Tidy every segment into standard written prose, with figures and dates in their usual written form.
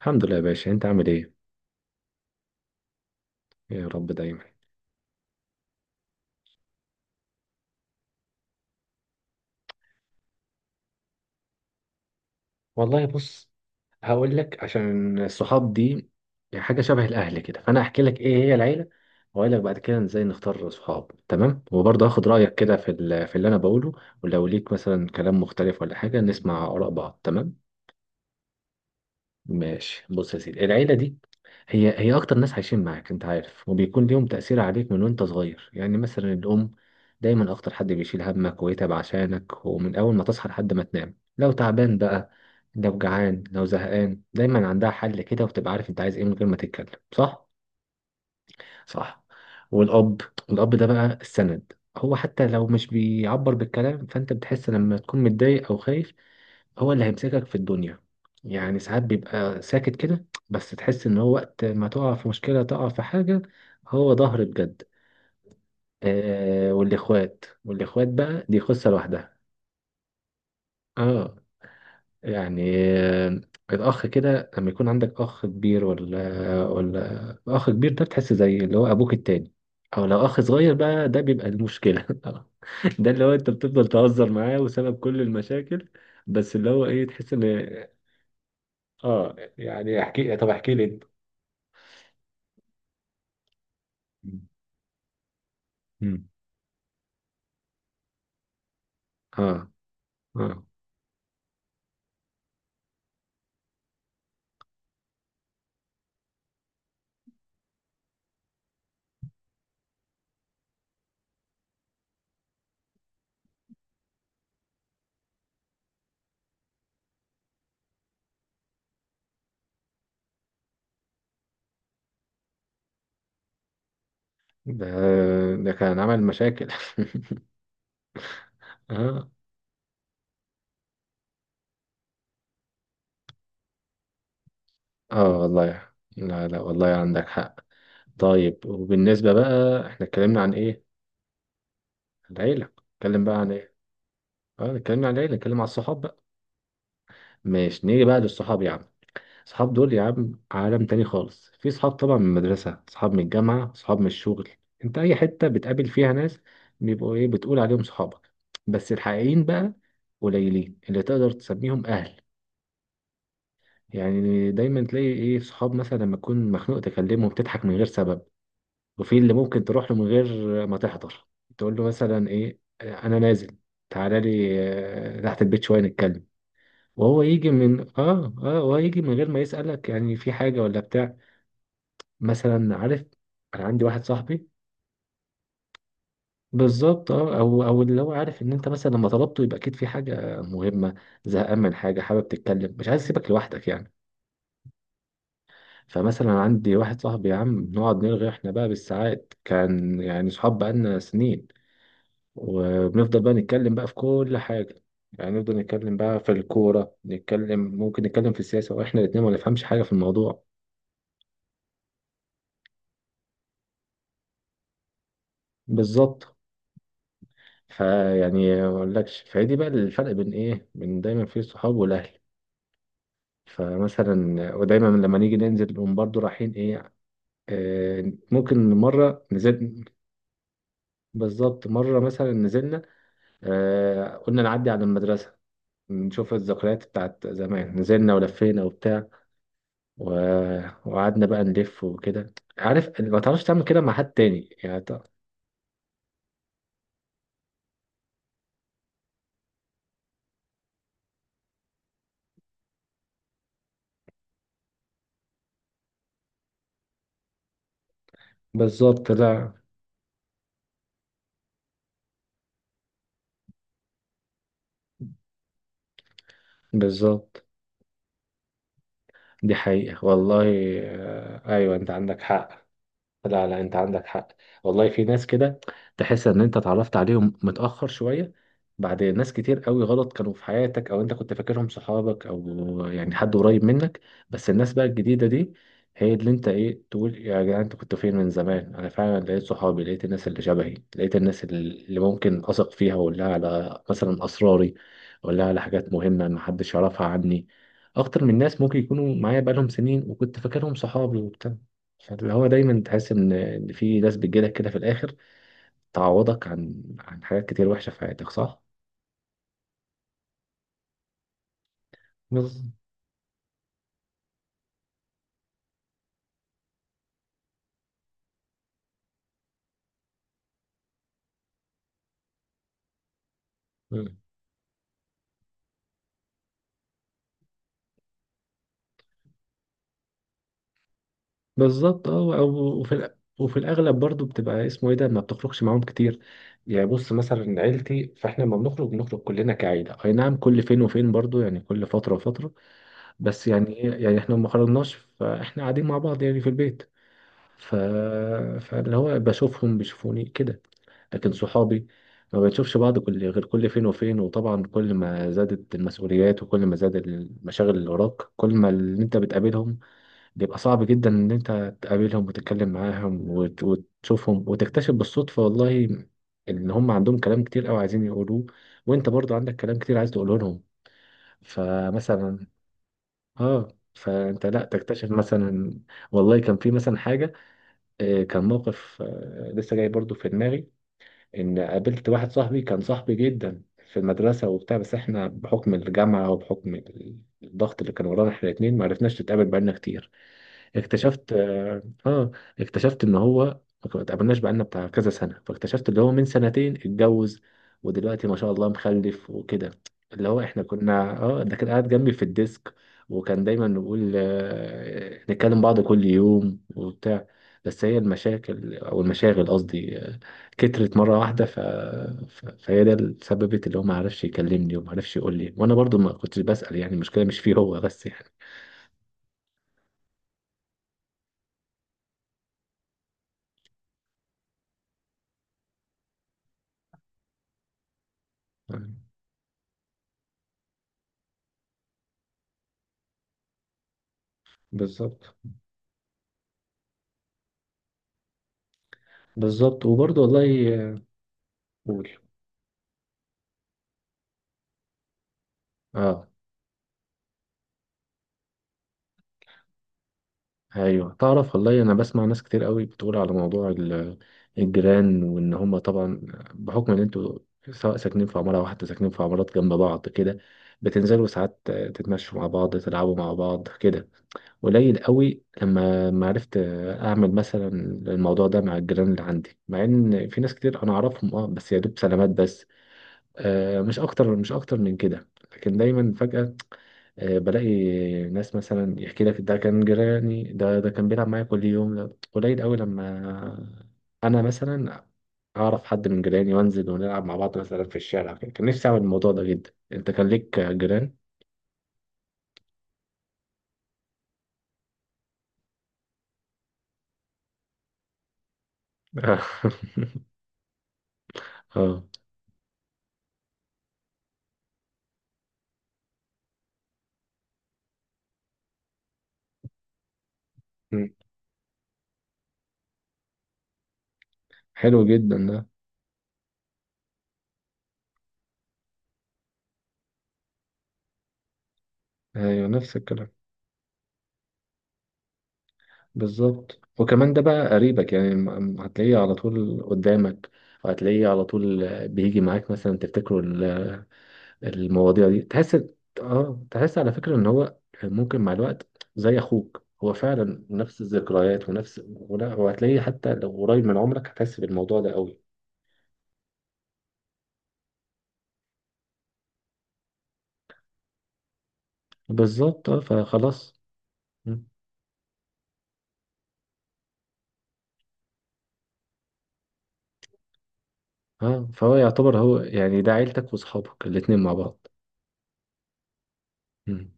الحمد لله يا باشا انت عامل ايه. يا رب دايما. والله بص، هقول لك عشان الصحاب دي يعني حاجه شبه الاهل كده، فانا هحكي لك ايه هي العيله واقول لك بعد كده ازاي نختار صحاب. تمام؟ وبرضه هاخد رايك كده في اللي انا بقوله، ولو ليك مثلا كلام مختلف ولا حاجه نسمع اراء بعض. تمام، ماشي. بص يا سيدي، العيلة دي هي أكتر ناس عايشين معاك أنت عارف، وبيكون ليهم تأثير عليك من وأنت صغير. يعني مثلا الأم، دايما أكتر حد بيشيل همك ويتعب عشانك، ومن أول ما تصحى لحد ما تنام، لو تعبان بقى لو جعان لو زهقان دايما عندها حل كده، وبتبقى عارف أنت عايز إيه من غير ما تتكلم، صح؟ صح. والأب، الأب ده بقى السند، هو حتى لو مش بيعبر بالكلام فأنت بتحس لما تكون متضايق أو خايف هو اللي هيمسكك في الدنيا. يعني ساعات بيبقى ساكت كده بس تحس ان هو وقت ما تقع في مشكلة تقع في حاجة هو ظهر بجد. آه، والاخوات، والاخوات بقى دي قصة لوحدها. اه يعني آه الاخ كده لما يكون عندك اخ كبير ولا اخ كبير، ده بتحس زي اللي هو ابوك التاني. او لو اخ صغير بقى ده بيبقى المشكلة آه. ده اللي هو انت بتفضل تهزر معاه وسبب كل المشاكل، بس اللي هو ايه، تحس ان احكي، طب احكي لي انت. مم. اه. اه ده ده كان عمل مشاكل. اه. اه والله. لا لا والله عندك حق. طيب وبالنسبة بقى، احنا اتكلمنا عن ايه؟ العيلة. اتكلم بقى عن ايه؟ اه، اتكلمنا عن العيلة، اتكلم عن الصحاب بقى. ماشي، نيجي بقى للصحاب يا عم. صحاب دول يا عم عالم تاني خالص، في صحاب طبعا من المدرسة، صحاب من الجامعة، صحاب من الشغل، انت اي حتة بتقابل فيها ناس بيبقوا ايه، بتقول عليهم صحابك. بس الحقيقيين بقى قليلين اللي تقدر تسميهم اهل. يعني دايما تلاقي ايه، صحاب مثلا لما تكون مخنوق تكلمهم تضحك من غير سبب، وفي اللي ممكن تروح له من غير ما تحضر، تقول له مثلا ايه انا نازل تعالى لي، تحت البيت شوية نتكلم، وهو يجي من وهو يجي من غير ما يسألك يعني في حاجة ولا بتاع. مثلا عارف، انا عندي واحد صاحبي. بالظبط اه، او اللي هو عارف ان انت مثلا لما طلبته يبقى اكيد في حاجه مهمه، زهقان من حاجه، حابب تتكلم، مش عايز اسيبك لوحدك يعني. فمثلا عندي واحد صاحبي يا عم بنقعد نرغي احنا بقى بالساعات، كان يعني صحاب بقالنا سنين. وبنفضل بقى نتكلم بقى في كل حاجه، يعني نفضل نتكلم بقى في الكوره، نتكلم ممكن نتكلم في السياسه واحنا الاتنين ما نفهمش حاجه في الموضوع. بالظبط. فيعني ما اقولكش، فهي دي بقى الفرق بين ايه، بين دايما في الصحاب والاهل. فمثلا ودايما لما نيجي ننزل نقوم برضو رايحين ايه، آه ممكن مرة نزل. بالظبط، مرة مثلا نزلنا، آه قلنا نعدي على المدرسة، نشوف الذكريات بتاعت زمان، نزلنا ولفينا وبتاع، و... وقعدنا بقى نلف وكده عارف، ما تعرفش تعمل كده مع حد تاني يعني بالظبط. لا بالظبط، دي حقيقة والله. آه أيوة أنت عندك حق. لا لا انت عندك حق، والله في ناس كده تحس ان انت اتعرفت عليهم متأخر شوية، بعد ناس كتير قوي غلط كانوا في حياتك، او انت كنت فاكرهم صحابك او يعني حد قريب منك. بس الناس بقى الجديدة دي هي اللي انت ايه، تقول يا جدعان انت كنت فين من زمان، انا فعلا لقيت صحابي، لقيت الناس اللي شبهي، لقيت الناس اللي ممكن اثق فيها واقول لها على مثلا اسراري، اقول لها على حاجات مهمة ما حدش يعرفها عني، اكتر من ناس ممكن يكونوا معايا بقالهم سنين وكنت فاكرهم صحابي وبتاع. فاللي هو دايما تحس ان في ناس بتجيلك كده في الاخر، تعوضك عن حاجات كتير وحشه في حياتك، صح؟ بز... مم. بالظبط اه وفي الأ- وفي الاغلب برضو بتبقى اسمه ايه، ده ما بتخرجش معاهم كتير. يعني بص مثلا عيلتي، فاحنا لما بنخرج بنخرج كلنا كعيله، اي نعم كل فين وفين برضو يعني، كل فتره وفتره، بس يعني إيه، يعني احنا ما خرجناش فاحنا قاعدين مع بعض يعني في البيت. ف... فاللي هو بشوفهم بيشوفوني كده، لكن صحابي ما بنشوفش بعض كل غير كل فين وفين. وطبعا كل ما زادت المسؤوليات وكل ما زاد المشاغل اللي وراك، كل ما اللي انت بتقابلهم بيبقى صعب جدا ان انت تقابلهم وتتكلم معاهم وتشوفهم، وتكتشف بالصدفة والله ان هم عندهم كلام كتير قوي عايزين يقولوه، وانت برضو عندك كلام كتير عايز تقوله لهم. فمثلا اه، فانت لا تكتشف مثلا، والله كان في مثلا حاجة، كان موقف لسه جاي برضو في دماغي، ان قابلت واحد صاحبي كان صاحبي جدا في المدرسة وبتاع، بس احنا بحكم الجامعة وبحكم الضغط اللي كان ورانا احنا الاتنين ما عرفناش نتقابل بقالنا كتير. اكتشفت اكتشفت ان هو ما اتقابلناش بقالنا بتاع كذا سنه، فاكتشفت اللي هو من سنتين اتجوز ودلوقتي ما شاء الله مخلف وكده، اللي هو احنا كنا اه، ده كان قاعد جنبي في الديسك، وكان دايما نقول نتكلم بعض كل يوم وبتاع. بس هي المشاكل او المشاغل قصدي كترت مره واحده فهي ده اللي سببت اللي هو ما عرفش يكلمني وما عرفش يقول لي، وانا برضو ما كنتش بسأل، يعني المشكله مش فيه هو بس يعني. بالظبط. بالظبط وبرضه والله. قول. اه. ايوه تعرف والله انا بسمع ناس كتير قوي بتقول على موضوع الجيران، وان هم طبعا بحكم ان انتوا سواء ساكنين في عماره واحده ساكنين في عمارات جنب بعض كده، بتنزلوا ساعات تتمشوا مع بعض تلعبوا مع بعض كده. قليل قوي لما ما عرفت اعمل مثلا الموضوع ده مع الجيران اللي عندي، مع ان في ناس كتير انا اعرفهم اه، بس يا دوب سلامات بس، آه مش اكتر، مش اكتر من كده. لكن دايما فجأة بلاقي ناس مثلا يحكي لك ده كان جيراني، ده كان بيلعب معايا كل يوم، ده قليل قوي لما انا مثلا اعرف حد من جيراني وانزل ونلعب مع بعض مثلا في الشارع كده. كان نفسي اعمل الموضوع ده جدا. انت كان ليك جيران؟ اه. مم. حلو جدا ده. ايوه نفس الكلام. بالظبط، وكمان ده بقى قريبك يعني، هتلاقيه على طول قدامك، وهتلاقيه على طول بيجي معاك مثلا تفتكروا المواضيع دي، تحس اه، تحس على فكرة ان هو ممكن مع الوقت زي اخوك، هو فعلا نفس الذكريات ونفس ولا، وهتلاقيه حتى لو قريب من عمرك هتحس بالموضوع ده قوي. بالظبط اه، فخلاص. مم. اه فهو يعتبر هو يعني ده عيلتك وصحابك الاتنين مع بعض. مم.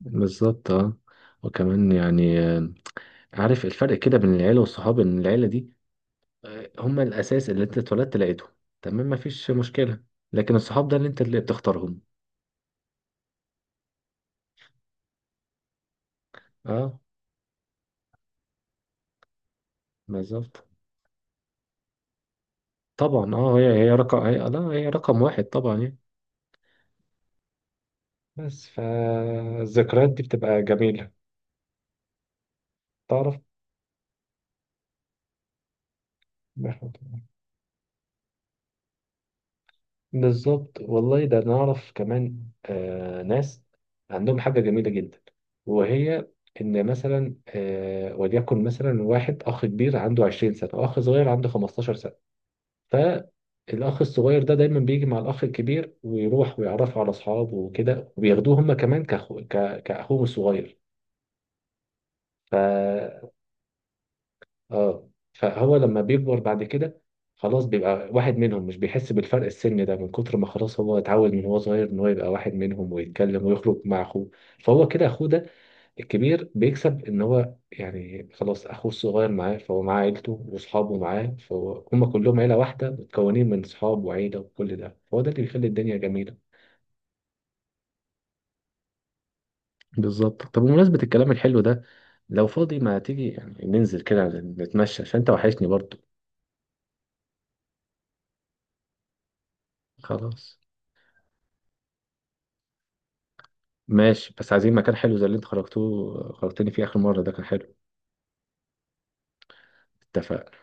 بالظبط اه. وكمان يعني عارف الفرق كده بين العيلة والصحاب، ان العيلة دي هما الاساس اللي انت اتولدت لقيتهم، تمام، مفيش مشكلة. لكن الصحاب ده اللي انت اللي بتختارهم. اه. بالظبط، طبعا اه، هي هي رقم هي لا هي رقم واحد طبعا يعني. بس فالذكريات دي بتبقى جميلة. تعرف بالظبط والله، ده نعرف كمان آه ناس عندهم حاجة جميلة جدا، وهي إن مثلا آه وليكن مثلا واحد أخ كبير عنده 20 سنة وأخ صغير عنده 15 سنة، فالأخ الصغير ده دايما بيجي مع الأخ الكبير ويروح ويعرفه على أصحابه وكده، وبياخدوه هما كمان كأخو كأخوهم الصغير. ف اه، فهو لما بيكبر بعد كده خلاص بيبقى واحد منهم، مش بيحس بالفرق السن ده من كتر ما خلاص هو اتعود من هو صغير ان هو يبقى واحد منهم ويتكلم ويخرج مع اخوه. فهو كده اخوه ده الكبير بيكسب ان هو يعني خلاص اخوه الصغير معاه، فهو معاه عيلته واصحابه معاه، فهو هم كلهم عيلة واحدة متكونين من صحاب وعيلة وكل ده، فهو ده اللي بيخلي الدنيا جميلة. بالظبط. طب بمناسبة الكلام الحلو ده، لو فاضي ما تيجي يعني ننزل كده نتمشى عشان انت وحشني برضو. خلاص ماشي، بس عايزين مكان حلو زي اللي انت خرجتوه خرجتني فيه اخر مرة، ده كان حلو. اتفق.